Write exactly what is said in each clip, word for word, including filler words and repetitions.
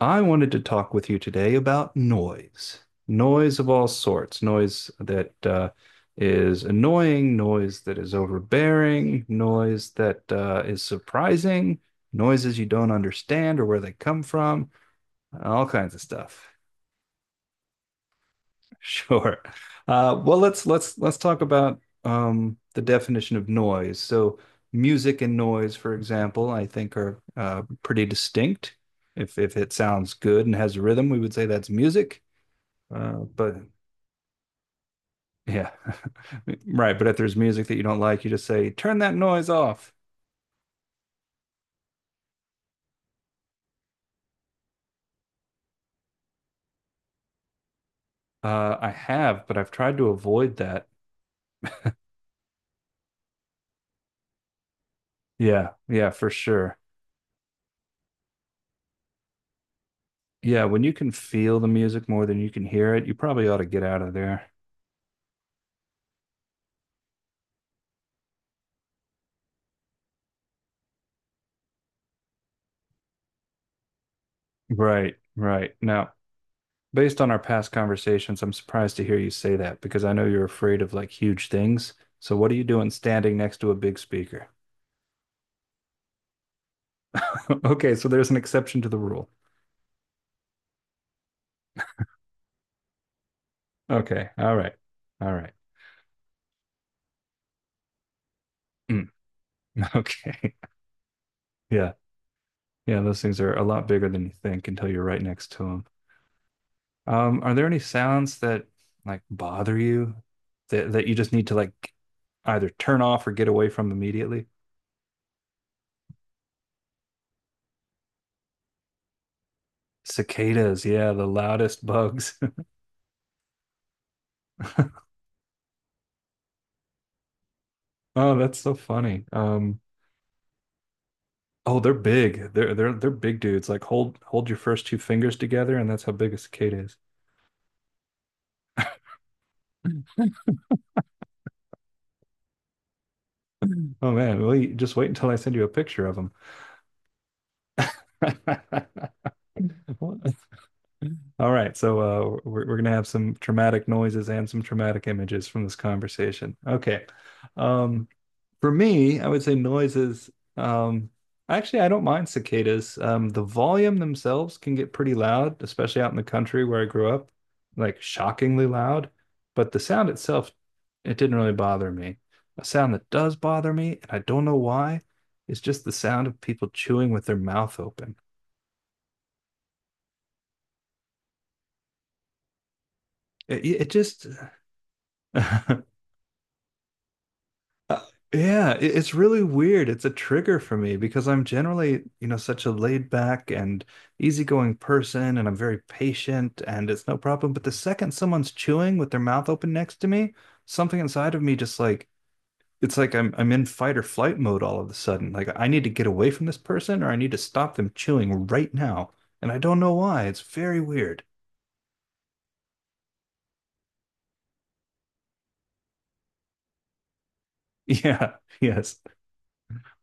I wanted to talk with you today about noise, noise of all sorts, noise that uh, is annoying, noise that is overbearing, noise that uh, is surprising, noises you don't understand or where they come from, all kinds of stuff. Sure. Uh, well, let's let's let's talk about um, the definition of noise. So, music and noise, for example, I think are uh, pretty distinct. If if it sounds good and has rhythm, we would say that's music. Uh, but yeah, right. But if there's music that you don't like, you just say, turn that noise off. Uh, I have, but I've tried to avoid that. Yeah, yeah, for sure. Yeah, when you can feel the music more than you can hear it, you probably ought to get out of there. Right, right. Now, based on our past conversations, I'm surprised to hear you say that because I know you're afraid of like huge things. So, what are you doing standing next to a big speaker? Okay, so there's an exception to the rule. Okay, all right, all right. Mm, okay, yeah. Yeah, those things are a lot bigger than you think until you're right next to them. Um, are there any sounds that like bother you that that you just need to like either turn off or get away from immediately? Cicadas, yeah, the loudest bugs. Oh, that's so funny. Um, oh, they're big. They're they're they're big dudes. Like hold hold your first two fingers together, and that's how big a cicada is. Oh man, well, you, just wait until I send you a picture of them. All right, so uh, we're we're gonna have some traumatic noises and some traumatic images from this conversation. Okay, um, for me, I would say noises. Um, actually, I don't mind cicadas. Um, the volume themselves can get pretty loud, especially out in the country where I grew up, like shockingly loud. But the sound itself, it didn't really bother me. A sound that does bother me, and I don't know why, is just the sound of people chewing with their mouth open. It, it just Uh, yeah, it, it's really weird. It's a trigger for me because I'm generally, you know, such a laid back and easygoing person, and I'm very patient, and it's no problem. But the second someone's chewing with their mouth open next to me, something inside of me just like it's like I'm I'm in fight or flight mode all of a sudden. Like I need to get away from this person, or I need to stop them chewing right now, and I don't know why. It's very weird. Yeah. Yes.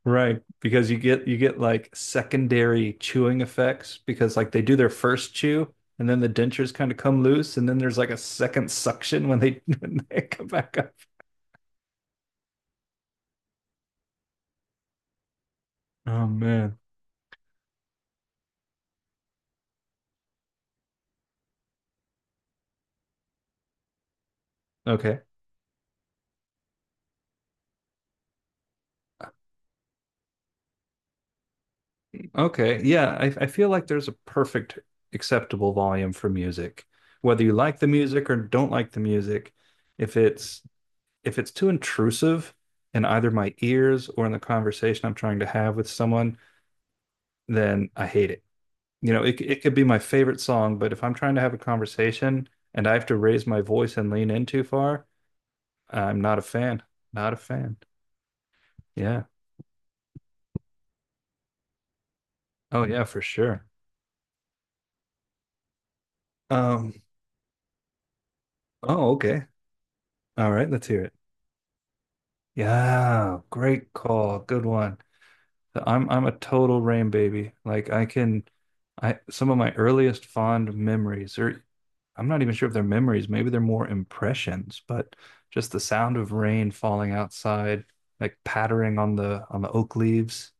Right, because you get you get like secondary chewing effects because like they do their first chew and then the dentures kind of come loose and then there's like a second suction when they when they come back up. Oh man. Okay. Okay. Yeah, I I feel like there's a perfect acceptable volume for music. Whether you like the music or don't like the music, if it's if it's too intrusive in either my ears or in the conversation I'm trying to have with someone, then I hate it. You know, it it could be my favorite song, but if I'm trying to have a conversation and I have to raise my voice and lean in too far, I'm not a fan. Not a fan. Yeah. Oh yeah, for sure. Um, oh, okay. All right, let's hear it. Yeah, great call. Good one. So I'm I'm a total rain baby. Like I can, I some of my earliest fond memories, or I'm not even sure if they're memories, maybe they're more impressions, but just the sound of rain falling outside, like pattering on the on the oak leaves,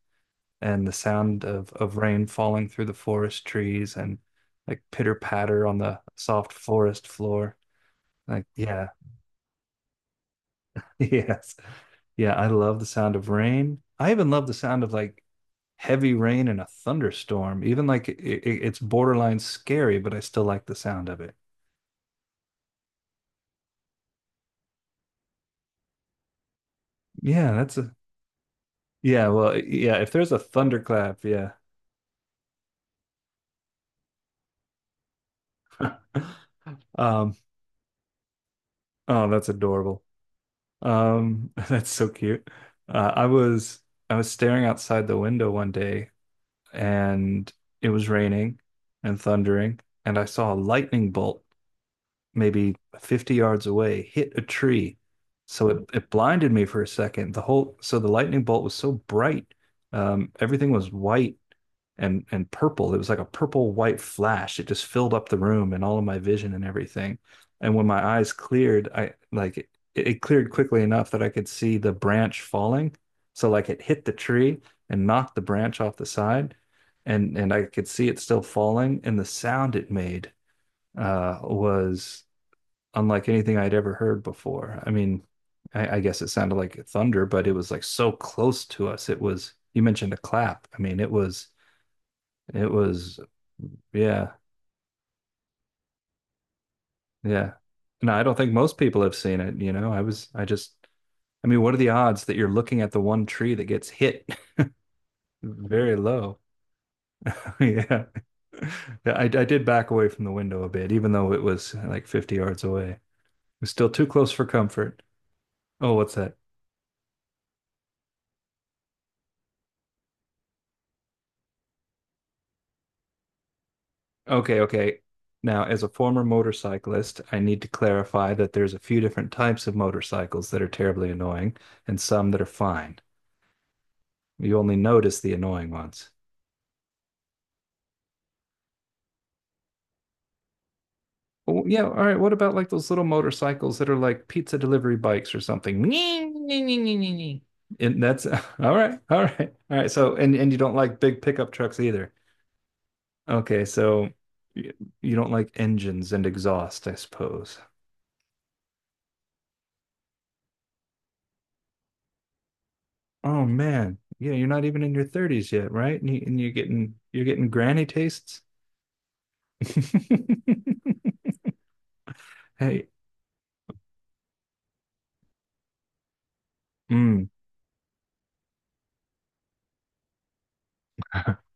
and the sound of of rain falling through the forest trees, and like pitter patter on the soft forest floor. Like yeah, Yes. Yeah, I love the sound of rain. I even love the sound of like heavy rain in a thunderstorm. Even like it, it, it's borderline scary, but I still like the sound of it. Yeah, that's a yeah, well, yeah, if there's a thunderclap, yeah. Um, oh, that's adorable. Um, that's so cute. Uh, I was I was staring outside the window one day and it was raining and thundering and I saw a lightning bolt maybe fifty yards away, hit a tree. So it, it blinded me for a second. The whole so the lightning bolt was so bright. Um, everything was white and and purple. It was like a purple white flash. It just filled up the room and all of my vision and everything. And when my eyes cleared, I like it, it cleared quickly enough that I could see the branch falling. So like it hit the tree and knocked the branch off the side, and and I could see it still falling. And the sound it made uh, was unlike anything I'd ever heard before. I mean, I, I guess it sounded like thunder, but it was like so close to us. It was, you mentioned a clap. I mean, it was, it was, yeah, yeah. No, I don't think most people have seen it, you know. I was, I just, I mean, what are the odds that you're looking at the one tree that gets hit? Very low. Yeah. Yeah, I, I did back away from the window a bit, even though it was like fifty yards away. It was still too close for comfort. Oh, what's that? Okay, okay. Now, as a former motorcyclist, I need to clarify that there's a few different types of motorcycles that are terribly annoying and some that are fine. You only notice the annoying ones. Oh, yeah, all right. What about like those little motorcycles that are like pizza delivery bikes or something? And that's all right, all right, all right. So, and and you don't like big pickup trucks either. Okay, so y- you don't like engines and exhaust, I suppose. Oh man, yeah, you're not even in your thirties yet, right? And, you, and you're getting you're getting granny tastes. Hey, mm.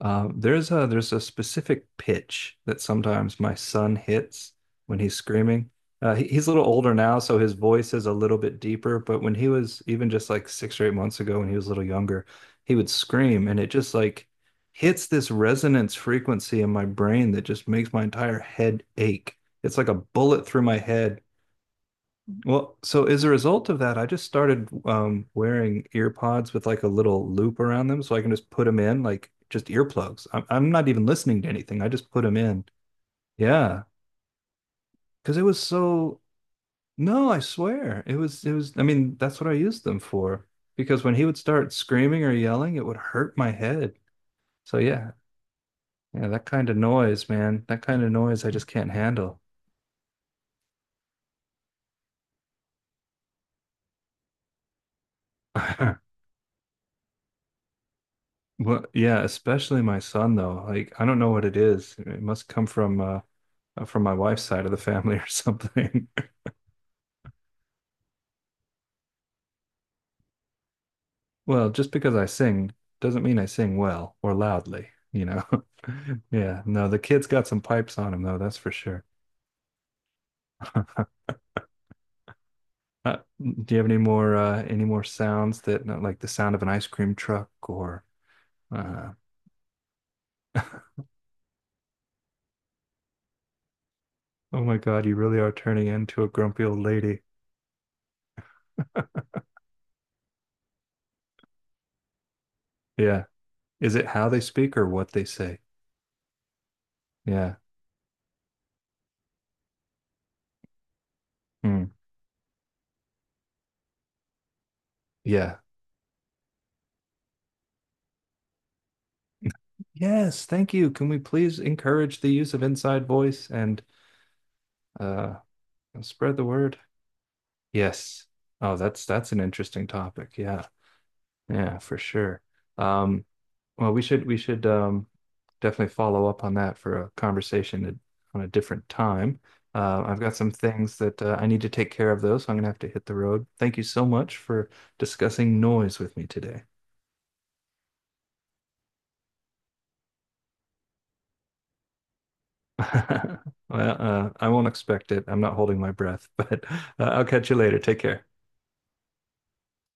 Um, there's a there's a specific pitch that sometimes my son hits when he's screaming. Uh, he, he's a little older now, so his voice is a little bit deeper. But when he was even just like six or eight months ago, when he was a little younger, he would scream, and it just like hits this resonance frequency in my brain that just makes my entire head ache. It's like a bullet through my head well, so as a result of that, I just started um, wearing ear pods with like a little loop around them so I can just put them in, like just earplugs. I'm, I'm not even listening to anything. I just put them in. Yeah. Because it was so, no, I swear. It was, it was, I mean, that's what I used them for. Because when he would start screaming or yelling, it would hurt my head. So yeah, yeah, that kind of noise, man, that kind of noise I just can't handle. Well, yeah, especially my son though. Like, I don't know what it is. It must come from, uh, uh, from my wife's side of the family or something. Well, just because I sing doesn't mean I sing well or loudly, you know. Yeah, no, the kid's got some pipes on him though, that's for sure. Uh, do you have any more uh, any more sounds that not like the sound of an ice cream truck or uh, oh my God, you really are turning into a grumpy old lady. Yeah. Is it how they speak or what they say? Yeah. Mm. Yeah. Yes, thank you. Can we please encourage the use of inside voice and uh And spread the word. Yes. Oh, that's that's an interesting topic. Yeah. Yeah, for sure. Um, well, we should we should um definitely follow up on that for a conversation at- on a different time. Uh, I've got some things that uh, I need to take care of though, so I'm gonna have to hit the road. Thank you so much for discussing noise with me today. Well, uh, I won't expect it. I'm not holding my breath, but uh, I'll catch you later. Take care.